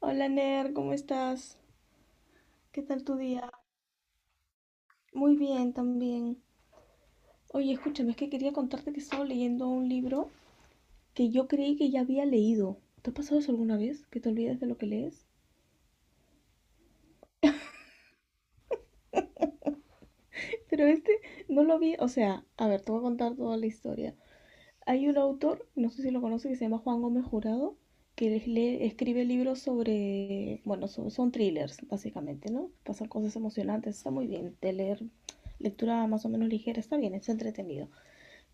Hola Ner, ¿cómo estás? ¿Qué tal tu día? Muy bien también. Oye, escúchame, es que quería contarte que estaba leyendo un libro que yo creí que ya había leído. ¿Te ha pasado eso alguna vez? ¿Que te olvidas de lo que lees? Pero este no lo vi, o sea, a ver, te voy a contar toda la historia. Hay un autor, no sé si lo conoces, que se llama Juan Gómez Jurado, que escribe libros sobre, bueno, son thrillers, básicamente, ¿no? Pasan cosas emocionantes, está muy bien. De leer lectura más o menos ligera, está bien, es entretenido.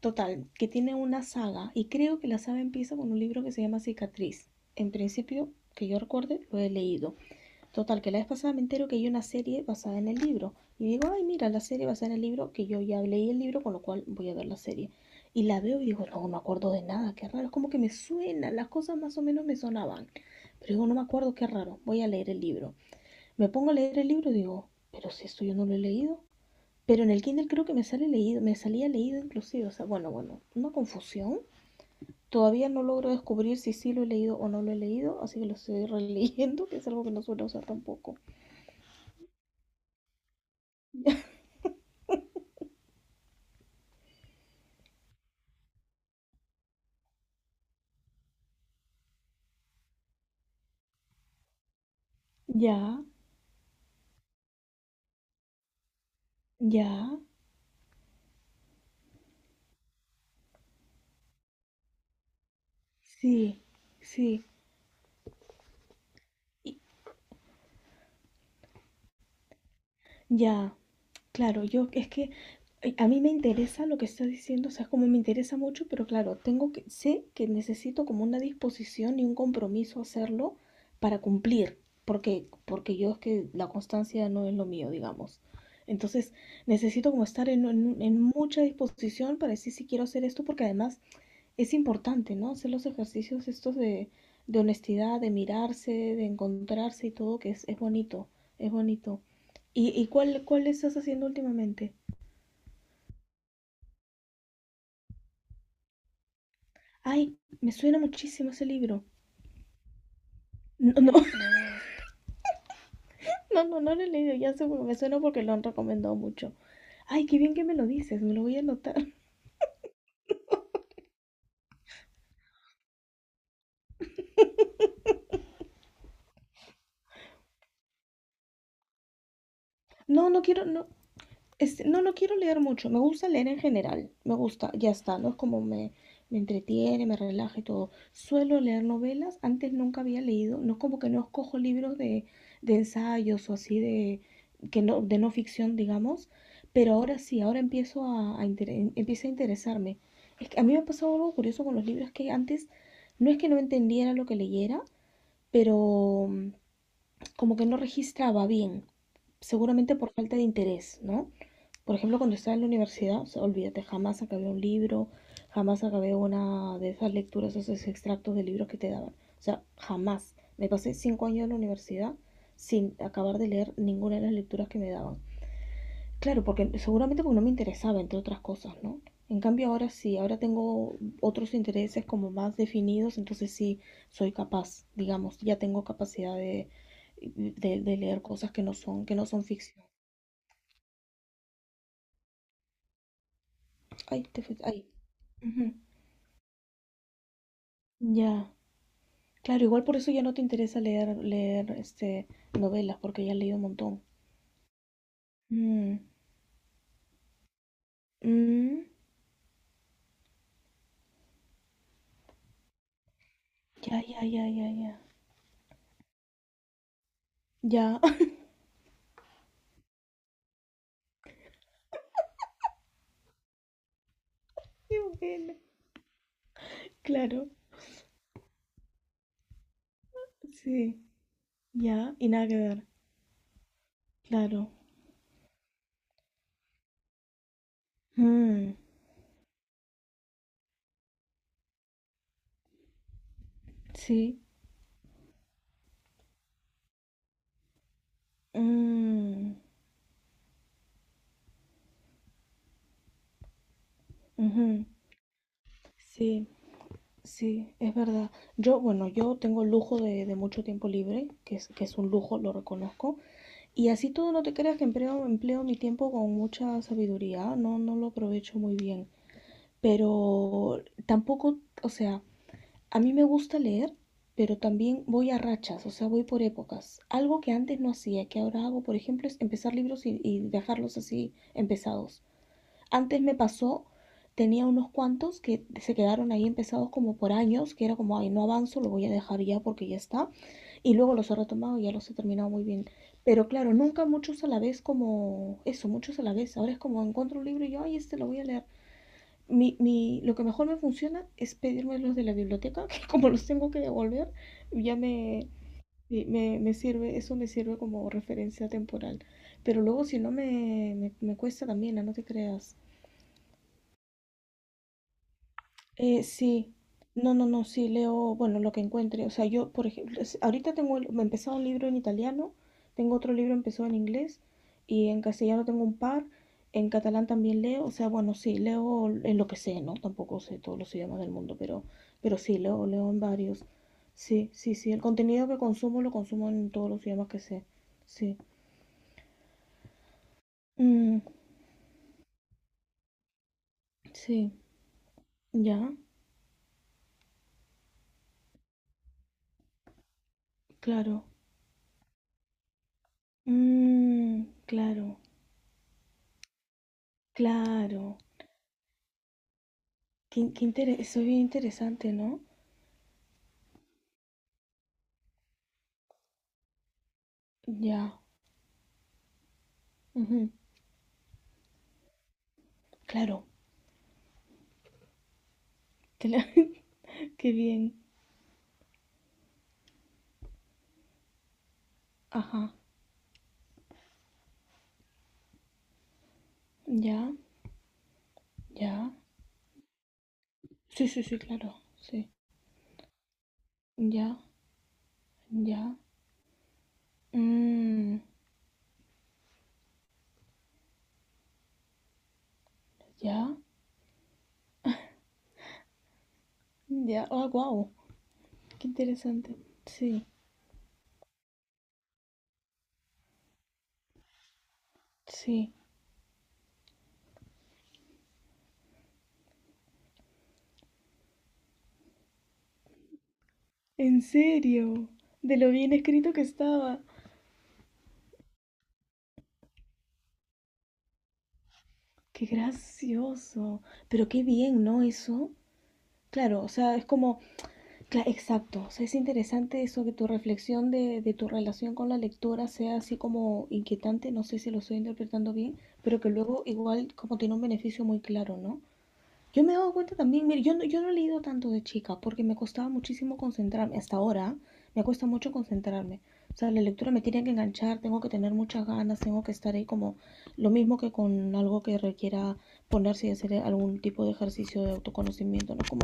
Total, que tiene una saga y creo que la saga empieza con un libro que se llama Cicatriz. En principio, que yo recuerde, lo he leído. Total, que la vez pasada me entero que hay una serie basada en el libro. Y digo, ay, mira, la serie basada en el libro, que yo ya leí el libro, con lo cual voy a ver la serie. Y la veo y digo, no, no me acuerdo de nada, qué raro. Es como que me suena, las cosas más o menos me sonaban. Pero digo, no me acuerdo, qué raro, voy a leer el libro. Me pongo a leer el libro y digo, pero si esto yo no lo he leído. Pero en el Kindle creo que me sale leído, me salía leído inclusive, o sea, bueno, bueno, una confusión. Todavía no logro descubrir si sí lo he leído o no lo he leído, así que lo estoy releyendo, que es algo que no suelo usar tampoco. Ya, ya, sí, sí, ya. Claro, yo es que a mí me interesa lo que estás diciendo, o sea, es como me interesa mucho, pero claro, tengo que, sé que necesito como una disposición y un compromiso hacerlo para cumplir, porque yo es que la constancia no es lo mío, digamos. Entonces, necesito como estar en mucha disposición para decir si quiero hacer esto, porque además es importante, ¿no? Hacer los ejercicios estos de honestidad, de mirarse, de encontrarse y todo, que es bonito, es bonito. ¿Y cuál estás haciendo últimamente? Ay, me suena muchísimo ese libro. No, no, no, no, no lo he leído, ya sé, me suena porque lo han recomendado mucho. Ay, qué bien que me lo dices, me lo voy a anotar. No, no quiero, no. Este, no, no quiero leer mucho. Me gusta leer en general. Me gusta, ya está, ¿no? Es como me entretiene, me relaja y todo. Suelo leer novelas. Antes nunca había leído. No es como que no escojo libros de ensayos o así de, que no, de no ficción, digamos. Pero ahora sí, ahora empiezo a, empieza a interesarme. Es que a mí me ha pasado algo curioso con los libros que antes no es que no entendiera lo que leyera, pero como que no registraba bien. Seguramente por falta de interés, ¿no? Por ejemplo, cuando estaba en la universidad, o sea, olvídate, jamás acabé un libro, jamás acabé una de esas lecturas, esos extractos de libros que te daban. O sea, jamás. Me pasé 5 años en la universidad sin acabar de leer ninguna de las lecturas que me daban. Claro, porque seguramente porque no me interesaba, entre otras cosas, ¿no? En cambio ahora sí, ahora tengo otros intereses como más definidos, entonces sí soy capaz, digamos, ya tengo capacidad de, de leer cosas que no son, ficción. Ay, ay. Ujú. Ya. Claro, igual por eso ya no te interesa leer novelas, porque ya has leído un montón. Mm, mm, ya, ya, ya, ya, ya. Ya. Qué bueno. Claro, sí. Ya, y nada que ver. Claro. Mm, sí. Mm, ujú. Sí, sí, es verdad. Yo, bueno, yo tengo el lujo de mucho tiempo libre, que es un lujo, lo reconozco. Y así todo no te creas que empleo mi tiempo con mucha sabiduría, ¿ah? No, no lo aprovecho muy bien. Pero tampoco, o sea, a mí me gusta leer, pero también voy a rachas, o sea, voy por épocas. Algo que antes no hacía, que ahora hago, por ejemplo, es empezar libros y dejarlos así empezados. Antes me pasó, tenía unos cuantos que se quedaron ahí empezados como por años, que era como, ay, no avanzo, lo voy a dejar ya porque ya está, y luego los he retomado y ya los he terminado muy bien. Pero claro, nunca muchos a la vez como eso, muchos a la vez. Ahora es como encuentro un libro y yo, ay, este lo voy a leer lo que mejor me funciona es pedirme los de la biblioteca, que como los tengo que devolver, ya me sirve, eso me sirve como referencia temporal. Pero luego si no me cuesta también, no. No te creas. Sí, no, no, no, sí leo, bueno, lo que encuentre. O sea, yo, por ejemplo, ahorita tengo, me empezó un libro en italiano, tengo otro libro empezó en inglés y en castellano tengo un par, en catalán también leo, o sea, bueno, sí, leo en lo que sé, ¿no? Tampoco sé todos los idiomas del mundo, pero sí, leo en varios. Sí, sí, sí, el contenido que consumo lo consumo en todos los idiomas que sé. Sí. Mm, sí, ya, claro. Mm, claro, claro. Eso es bien interesante, ¿no? Ya, ujú, claro, que qué bien, ajá, ya, ya, sí, sí, sí, claro, sí, ya, ya, mm, ya, ya, ah, wow, qué interesante, sí, sí, en serio, de lo bien escrito que estaba, qué gracioso, pero qué bien, ¿no? Eso, claro, o sea, es como claro, exacto, o sea, es interesante eso, que tu reflexión de tu relación con la lectura sea así como inquietante, no sé si lo estoy interpretando bien, pero que luego igual como tiene un beneficio muy claro, ¿no? Yo me he dado cuenta también, mire, yo no he leído tanto de chica porque me costaba muchísimo concentrarme. Hasta ahora me cuesta mucho concentrarme. O sea, la lectura me tiene que enganchar, tengo que tener muchas ganas, tengo que estar ahí como lo mismo que con algo que requiera ponerse y hacer algún tipo de ejercicio de autoconocimiento, ¿no? Como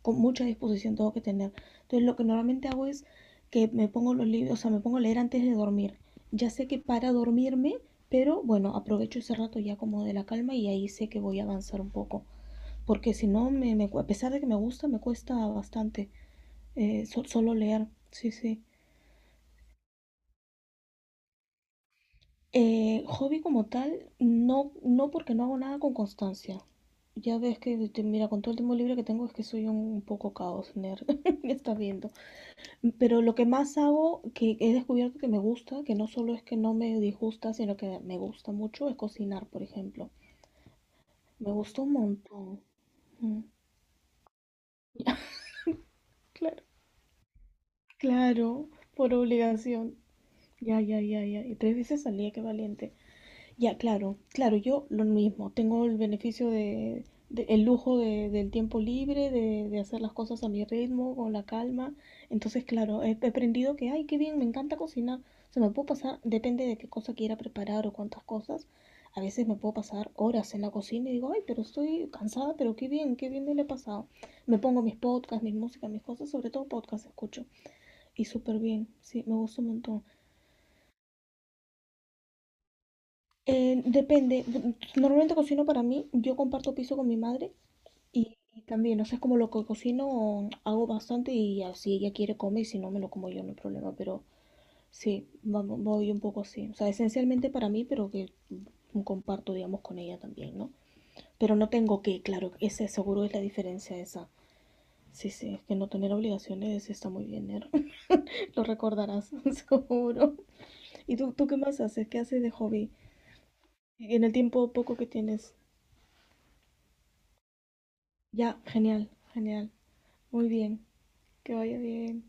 con mucha disposición tengo que tener. Entonces, lo que normalmente hago es que me pongo los libros, o sea, me pongo a leer antes de dormir. Ya sé que para dormirme, pero bueno, aprovecho ese rato ya como de la calma y ahí sé que voy a avanzar un poco porque si no, me, a pesar de que me gusta, me cuesta bastante solo leer, sí, sí. Hobby como tal, no, no porque no hago nada con constancia. Ya ves que, mira, con todo el tiempo libre que tengo es que soy un poco caos, nerd, me estás viendo. Pero lo que más hago, que he descubierto que me gusta, que no solo es que no me disgusta, sino que me gusta mucho, es cocinar, por ejemplo. Me gusta un montón. Mm. Claro, claro, por obligación. Ya, ya, ya, ya. Y tres veces salía, qué valiente. Ya, claro, claro, yo lo mismo. Tengo el beneficio el lujo del tiempo libre, de hacer las cosas a mi ritmo, con la calma. Entonces, claro, he aprendido que, ay, qué bien, me encanta cocinar. Se me puedo pasar, depende de qué cosa quiera preparar o cuántas cosas. A veces me puedo pasar horas en la cocina y digo, ay, pero estoy cansada, pero qué bien me lo he pasado. Me pongo mis podcasts, mis músicas, mis cosas, sobre todo podcasts escucho. Y súper bien, sí, me gusta un montón. Depende. Normalmente cocino para mí. Yo comparto piso con mi madre y también, o sea, es como lo que cocino, hago bastante y así ella quiere comer y si no me lo como yo, no hay problema. Pero sí, voy un poco así. O sea, esencialmente para mí, pero que comparto, digamos, con ella también, ¿no? Pero no tengo que, claro, ese seguro es la diferencia esa. Sí, sí, es que no tener obligaciones está muy bien, Ner. Lo recordarás, seguro. ¿Y tú qué más haces? ¿Qué haces de hobby? En el tiempo poco que tienes. Ya, genial, genial. Muy bien, que vaya bien.